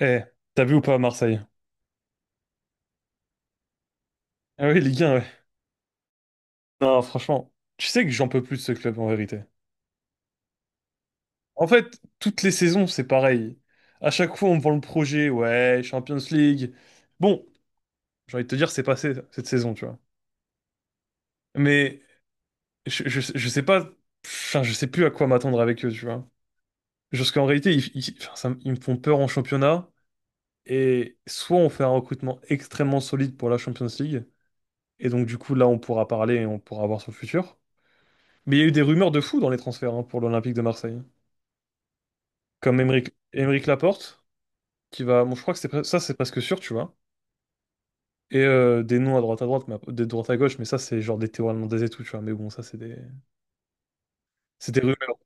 Eh, t'as vu ou pas Marseille? Ah oui, Ligue 1, ouais. Non, franchement, tu sais que j'en peux plus de ce club en vérité. En fait, toutes les saisons, c'est pareil. À chaque fois, on me vend le projet, ouais, Champions League. Bon, j'ai envie de te dire, c'est passé cette saison, tu vois. Mais je sais pas, enfin, je sais plus à quoi m'attendre avec eux, tu vois. Parce qu'en réalité, enfin, ils me font peur en championnat. Et soit on fait un recrutement extrêmement solide pour la Champions League. Et donc, du coup, là, on pourra parler et on pourra voir son futur. Mais il y a eu des rumeurs de fou dans les transferts hein, pour l'Olympique de Marseille. Comme Émeric Laporte, qui va. Bon, je crois que ça, c'est presque sûr, tu vois. Et des noms à droite, mais de droite à gauche, mais ça, c'est genre des Théo Hernandez et tout, tu vois. Mais bon, ça, c'est des c'est des rumeurs.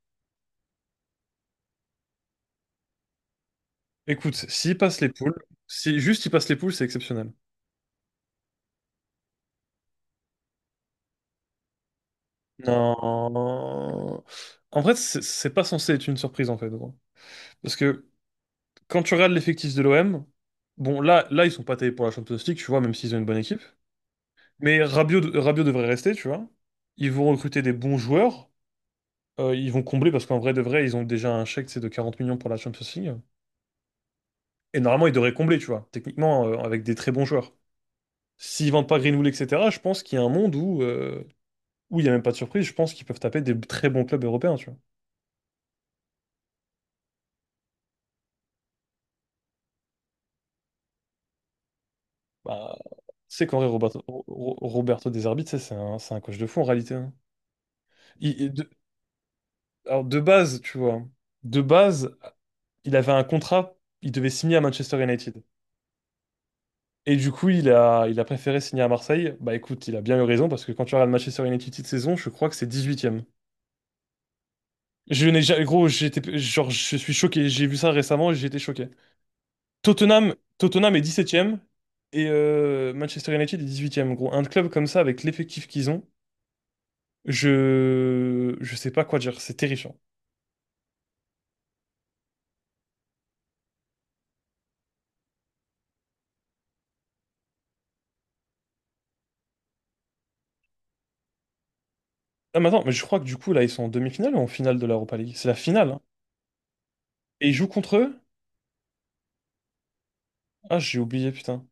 Écoute, s'il passe les poules, si juste il passe les poules, c'est exceptionnel. Non. En fait, c'est pas censé être une surprise, en fait, gros. Parce que quand tu regardes l'effectif de l'OM, bon, là, ils sont pas taillés pour la Champions League, tu vois, même s'ils ont une bonne équipe. Mais Rabiot devrait rester, tu vois. Ils vont recruter des bons joueurs. Ils vont combler parce qu'en vrai de vrai, ils ont déjà un chèque, c'est de 40 millions pour la Champions League. Et normalement, ils devraient combler, tu vois, techniquement, avec des très bons joueurs. S'ils vendent pas Greenwood, etc., je pense qu'il y a un monde où, où il n'y a même pas de surprise. Je pense qu'ils peuvent taper des très bons clubs européens, tu vois. Bah, c'est qu'en vrai, Roberto De Zerbi, tu sais, c'est un coach de fou en réalité, hein. Il- il- de, alors, de base, tu vois, de base, il avait un contrat, il devait signer à Manchester United. Et du coup, il a préféré signer à Marseille. Bah écoute, il a bien eu raison parce que quand tu regardes Manchester United cette saison, je crois que c'est dix-huitième. Je n'ai jamais, gros, je suis choqué. J'ai vu ça récemment et j'ai été choqué. Tottenham est dix-septième et Manchester United est dix-huitième. Gros, un club comme ça avec l'effectif qu'ils ont, je sais pas quoi dire. C'est terrifiant. Ah, mais attends, mais je crois que du coup, là, ils sont en demi-finale ou en finale de l'Europa League? C'est la finale, hein. Et ils jouent contre eux? Ah, j'ai oublié, putain.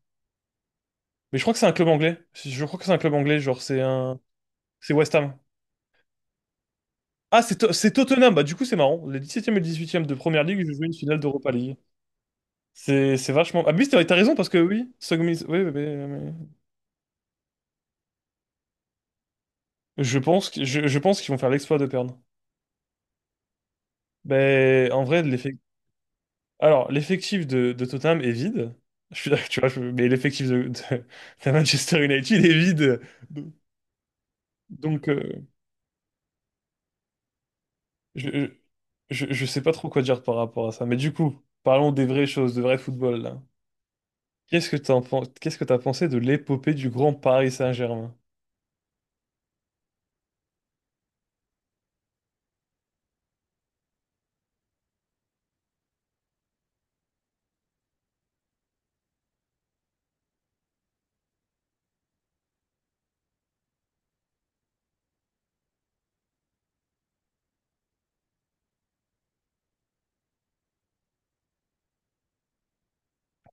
Mais je crois que c'est un club anglais. Je crois que c'est un club anglais, genre, c'est un. C'est West Ham. Ah, c'est Tottenham. Bah, du coup, c'est marrant. Les dix septième et dix huitième de Première Ligue, je joué une finale d'Europa League. C'est vachement. Ah, mais oui, t'as raison parce que oui, Sogmis. Oui, oui, oui, oui, oui. Je pense que, je pense qu'ils vont faire l'exploit de perdre. Mais en vrai, l'effet. Alors, l'effectif de Tottenham est vide. Je suis d'accord, tu vois, mais l'effectif de Manchester United est vide. Donc, je, je, je sais pas trop quoi dire par rapport à ça. Mais du coup, parlons des vraies choses, de vrai football, là. Qu'est-ce que t'as pensé de l'épopée du grand Paris Saint-Germain?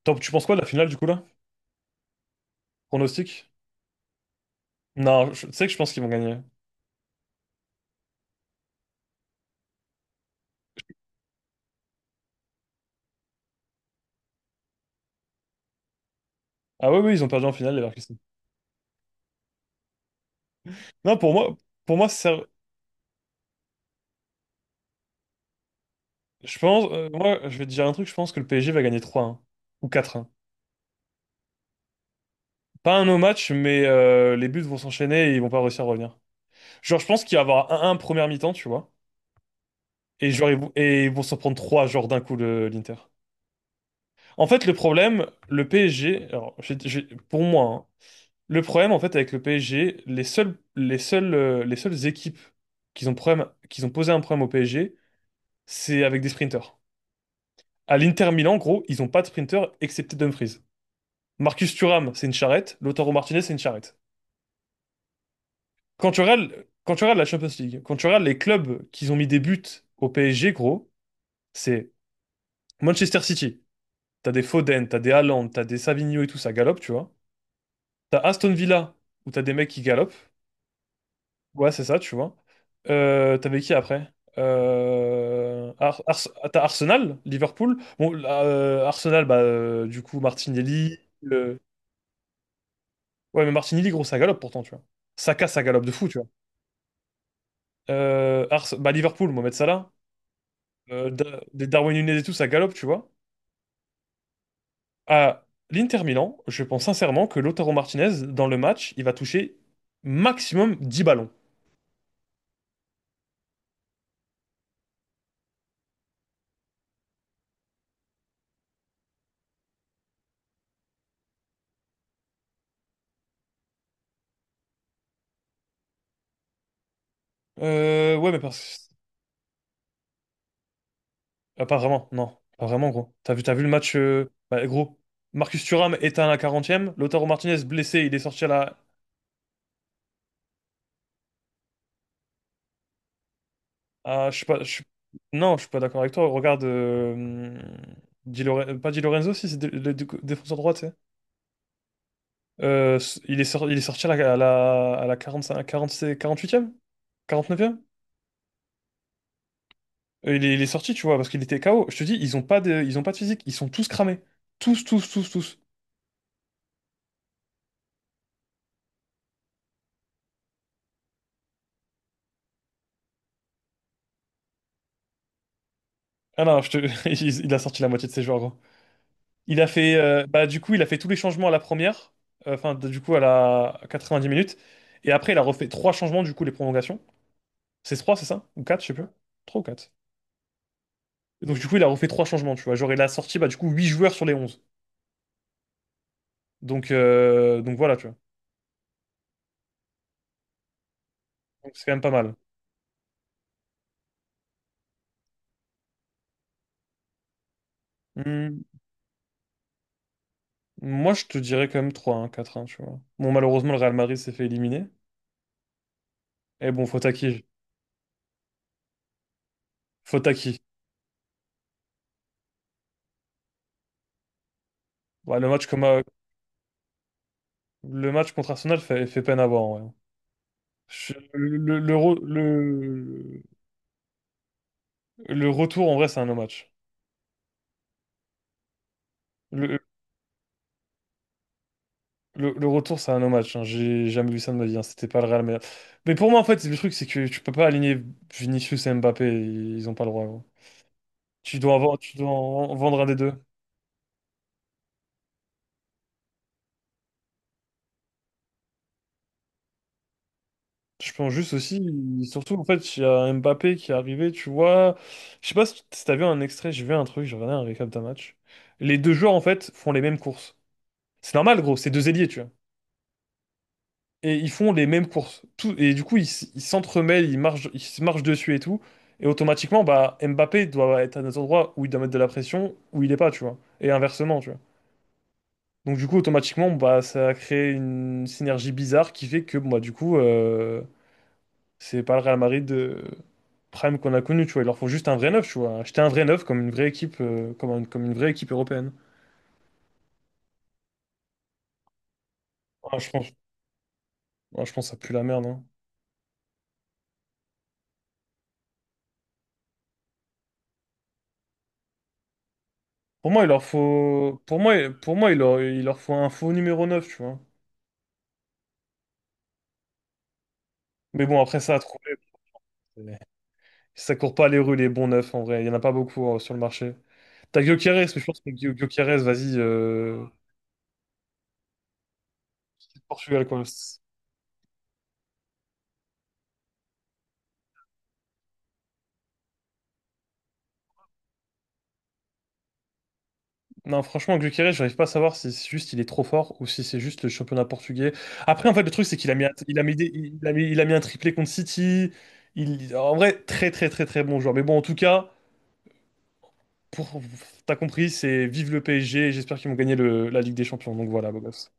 Tu penses quoi de la finale du coup là? Pronostic? Non, tu sais que je pense qu'ils vont gagner. Ah oui, oui, ils ont perdu en finale les Leverkusen. Non, pour moi, pour moi, c'est- je pense, moi, je vais te dire un truc, je pense que le PSG va gagner un ou un. Pas un no match, mais les buts vont s'enchaîner et ils vont pas réussir à revenir. Genre, je pense qu'il va y avoir un 1 première mi-temps, tu vois. Et genre, et ils vont s'en prendre 3 genre d'un coup l'Inter. En fait, le problème, le PSG, alors, pour moi, hein, le problème, en fait, avec le PSG, les seules équipes qui ont posé un problème au PSG, c'est avec des sprinters. À l'Inter Milan, en gros, ils n'ont pas de sprinter excepté Dumfries. Marcus Thuram, c'est une charrette. Lautaro Martinez, c'est une charrette. Quand tu regardes la Champions League, quand tu regardes les clubs qui ont mis des buts au PSG, gros, c'est Manchester City. T'as des Foden, t'as des Haaland, t'as des Savigno et tout, ça galope, tu vois. T'as Aston Villa, où t'as des mecs qui galopent. Ouais, c'est ça, tu vois. T'avais qui après? T'as Arsenal, Liverpool. Bon, là, Arsenal, bah, du coup, Martinelli. euh, Ouais, mais Martinelli, gros, ça galope pourtant, tu vois. Saka, ça galope de fou, tu vois. Bah, Liverpool, Mohamed Salah. Des Darwin Nunez et tout, ça galope, tu vois. À l'Inter Milan, je pense sincèrement que Lautaro Martinez, dans le match, il va toucher maximum 10 ballons. Ouais, mais parce Ah, pas vraiment, non. Pas vraiment, gros. T'as vu le match, bah, gros. Marcus Thuram éteint à la quarantième. Lautaro Martinez blessé, il est sorti à la. À- je suis pas. Je suis- Non, je suis pas d'accord avec toi. Regarde. Pas Di Lorenzo, si, c'est le défenseur droit, tu sais. Il est sorti à la 45, 46 48e? 49e? Il est sorti, tu vois, parce qu'il était KO. Je te dis, ils ont pas de physique. Ils sont tous cramés. Tous, tous, tous, tous. Ah non, je te il a sorti la moitié de ses joueurs, gros. Il a fait, bah, du coup, il a fait tous les changements à la première, enfin, du coup, à la à 90 minutes. Et après, il a refait trois changements, du coup, les prolongations. C'est trois, c'est ça? Ou quatre, je sais plus. Trois ou quatre. Et donc, du coup, il a refait trois changements, tu vois. Genre, il a sorti, bah, du coup, huit joueurs sur les onze. Donc voilà, tu vois. Donc, c'est quand même pas mal. Hmm, Moi, je te dirais quand même trois un quatre un tu vois. Bon, malheureusement, le Real Madrid s'est fait éliminer. Et bon, faute à qui? Faute à qui? Ouais, le match contre Arsenal fait peine à voir, en vrai. Je- le, le, le, re- le- Le retour, en vrai, c'est un no match. Le, le retour, c'est un no match, hein. J'ai jamais vu ça de ma vie, hein. C'était pas le Real Madrid. Mais pour moi, en fait, le truc, c'est que tu peux pas aligner Vinicius et Mbappé. Ils ont pas le droit, gros. Tu dois en vendre un des deux. Je pense juste aussi, surtout en fait, il y a Mbappé qui est arrivé, tu vois. Je sais pas si t'as vu un extrait, j'ai vu un truc, j'ai regardé un récap d'un match. Les deux joueurs, en fait, font les mêmes courses. C'est normal, gros, c'est deux ailiers, tu vois. Et ils font les mêmes courses. Tout, et du coup, ils s'entremêlent, ils marchent, ils se marchent dessus et tout. Et automatiquement, bah, Mbappé doit être à des endroits où il doit mettre de la pression, où il est pas, tu vois. Et inversement, tu vois. Donc du coup, automatiquement, bah, ça a créé une synergie bizarre qui fait que, bon, bah, du coup, c'est pas le Real Madrid de Prime qu'on a connu, tu vois. Il leur faut juste un vrai neuf, tu vois. Acheter un vrai neuf comme une vraie équipe, comme, comme une vraie équipe européenne. Ah, je pense, ah, je pense que ça pue la merde, hein. Pour moi, il leur faut, pour moi, il leur faut un faux numéro 9, tu vois. Mais bon, après ça, à trouver, euh, ça court pas les rues, les bons neufs, en vrai. Il y en a pas beaucoup sur le marché. T'as Gyökeres, mais je pense que Gyökeres, vas-y, Portugal, quoi. Non, franchement, Gyökeres, j'arrive pas à savoir si c'est juste il est trop fort ou si c'est juste le championnat portugais. Après, en fait, le truc, c'est qu'il a mis un triplé contre City. Il, en vrai, très, très, très, très bon joueur. Mais bon, en tout cas, pour, t'as compris, c'est vive le PSG. J'espère qu'ils vont gagner la Ligue des Champions. Donc voilà, beau gosse.